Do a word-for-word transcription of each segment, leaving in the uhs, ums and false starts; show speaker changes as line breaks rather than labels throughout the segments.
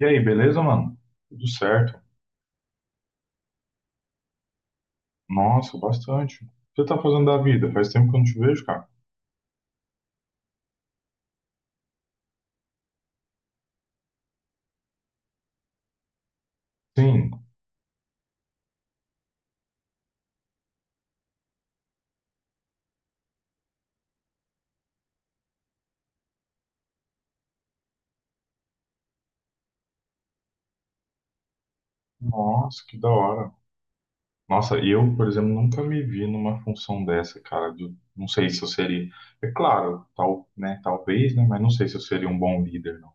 E aí, beleza, mano? Tudo certo. Nossa, bastante. O que você tá fazendo da vida? Faz tempo que eu não te vejo, cara. Sim. Nossa, que da hora. Nossa, e eu, por exemplo, nunca me vi numa função dessa, cara. de- Não sei se eu seria. É claro, tal, né? Talvez, né? Mas não sei se eu seria um bom líder, não.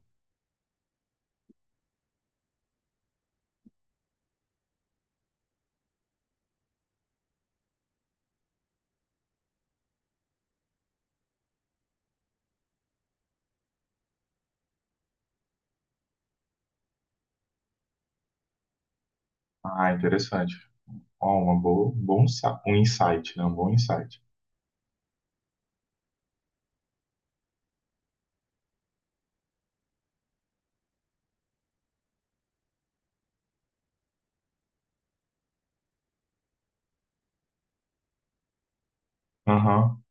Ah, interessante. Ó, uma boa, bom, insa- um insight, né? Um bom insight. Aham,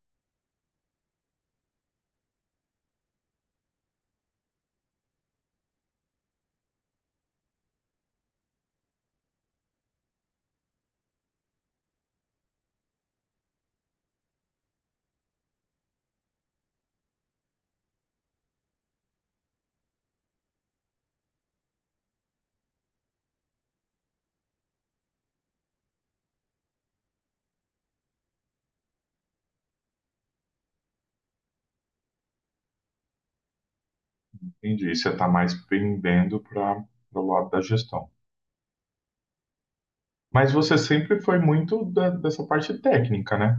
entendi. Você está mais pendendo para o lado da gestão. Mas você sempre foi muito da- dessa parte técnica, né?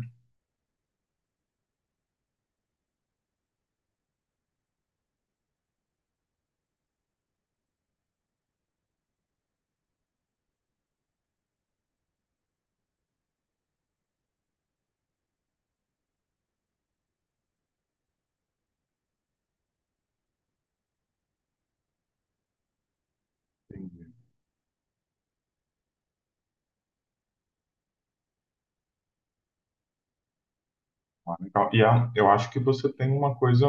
Entendi. Ah, legal. E a- eu acho que você tem uma coisa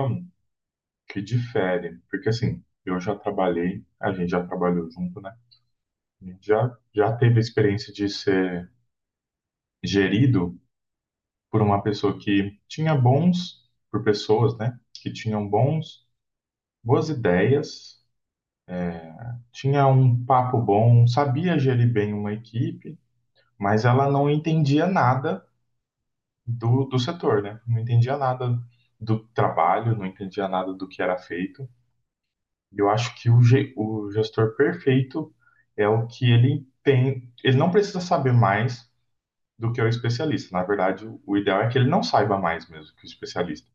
que difere, porque assim, eu já trabalhei, a gente já trabalhou junto, né? A gente já, já teve a experiência de ser gerido por uma pessoa que tinha bons, por pessoas, né? Que tinham bons, boas ideias, tinha um papo bom, sabia gerir bem uma equipe, mas ela não entendia nada do, do setor, né? Não entendia nada do trabalho, não entendia nada do que era feito. E eu acho que o, ge- o gestor perfeito é o que ele tem. Ele não precisa saber mais do que é o especialista. Na verdade, o o ideal é que ele não saiba mais mesmo que o especialista,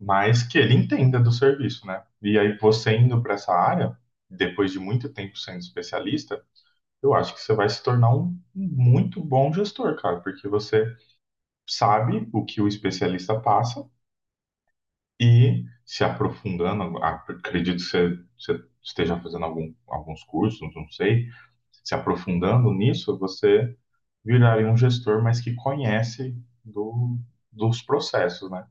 mas que ele entenda do serviço, né? E aí, você indo para essa área, depois de muito tempo sendo especialista, eu acho que você vai se tornar um muito bom gestor, cara, porque você sabe o que o especialista passa e se aprofundando, acredito que você, você esteja fazendo algum, alguns cursos, não sei, se aprofundando nisso, você viraria um gestor, mas que conhece do, dos processos, né?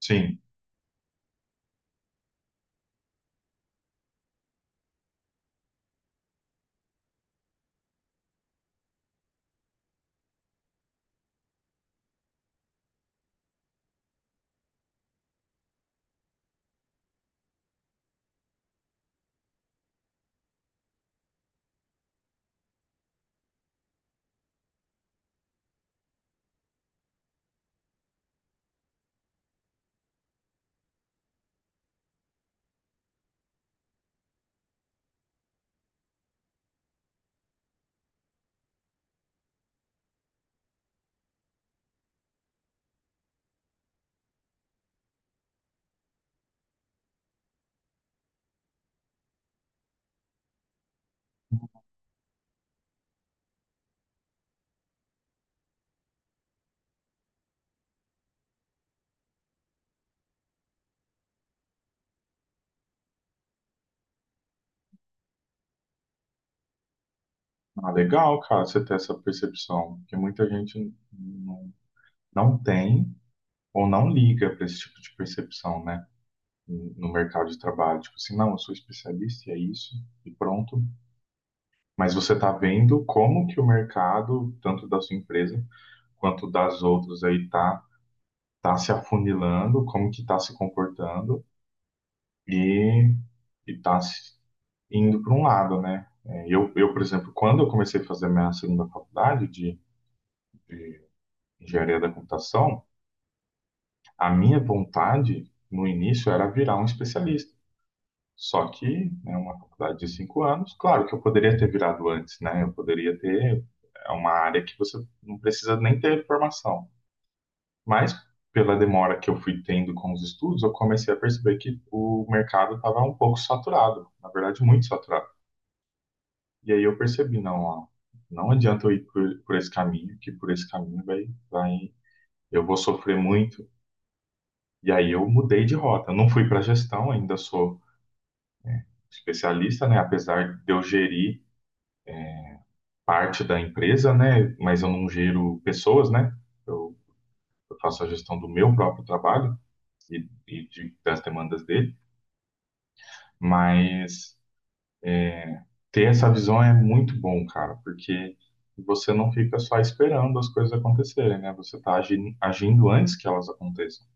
Sim. Ah, legal, cara, você ter essa percepção, porque muita gente não, não tem ou não liga para esse tipo de percepção, né? No mercado de trabalho. Tipo assim, não, eu sou especialista e é isso, e pronto. Mas você está vendo como que o mercado, tanto da sua empresa, quanto das outras aí tá, tá se afunilando, como que tá se comportando e, e tá se- indo para um lado, né? É, Eu, eu, por exemplo, quando eu comecei a fazer minha segunda faculdade de, de engenharia da computação, a minha vontade no início era virar um especialista. Só que, né, uma faculdade de cinco anos, claro que eu poderia ter virado antes, né? Eu poderia ter, é uma área que você não precisa nem ter formação. Mas, pela demora que eu fui tendo com os estudos, eu comecei a perceber que o mercado estava um pouco saturado, na verdade, muito saturado. E aí eu percebi, não, ó, não adianta eu ir por, por esse caminho, que por esse caminho vai, vai, eu vou sofrer muito. E aí eu mudei de rota. Eu não fui para gestão, ainda sou especialista, né? Apesar de eu gerir parte da empresa, né? Mas eu não gero pessoas, né? Eu, eu faço a gestão do meu próprio trabalho e, e de, das demandas dele. Mas ter essa visão é muito bom, cara, porque você não fica só esperando as coisas acontecerem, né? Você está agindo, agindo antes que elas aconteçam.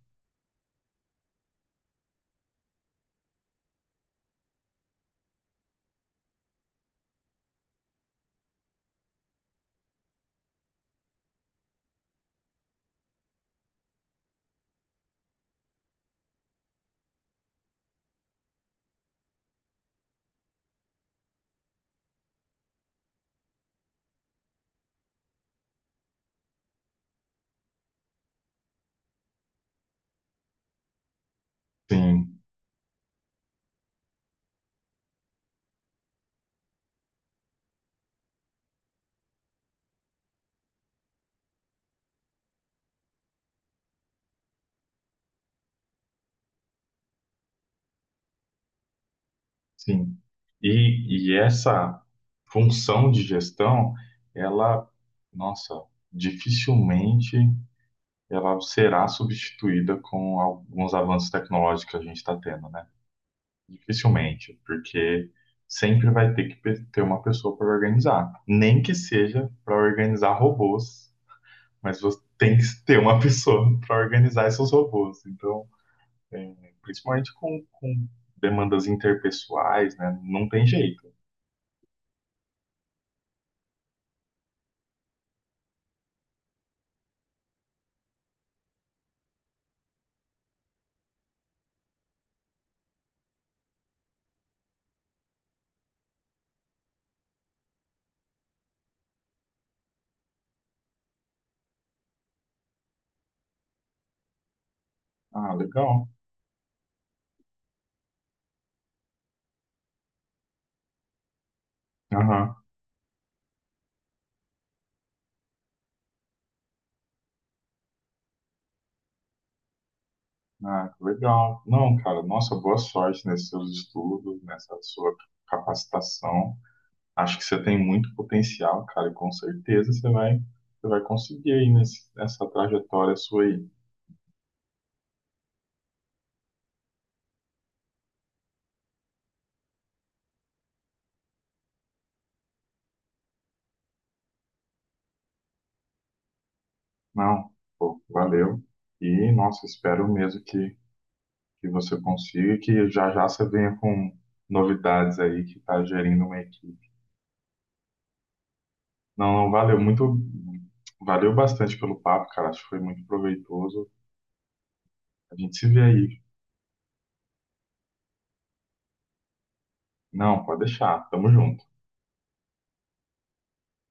Sim, sim. E, e essa função de gestão, ela, nossa, dificilmente ela será substituída com alguns avanços tecnológicos que a gente está tendo, né? Dificilmente, porque sempre vai ter que pe- ter uma pessoa para organizar, nem que seja para organizar robôs, mas você tem que ter uma pessoa para organizar esses robôs. Então, é, principalmente com, com demandas interpessoais, né? Não tem jeito. Ah, legal. Aham. Ah, legal. Não, cara, nossa, boa sorte nesses seus estudos, nessa sua capacitação. Acho que você tem muito potencial, cara, e com certeza você vai, você vai conseguir aí nesse- nessa trajetória sua aí. Não, pô, valeu. E, nossa, espero mesmo que que você consiga e que já já você venha com novidades aí que tá gerindo uma equipe. Não, não, valeu muito, valeu bastante pelo papo, cara. Acho que foi muito proveitoso. A gente se vê aí. Não, pode deixar. Tamo junto.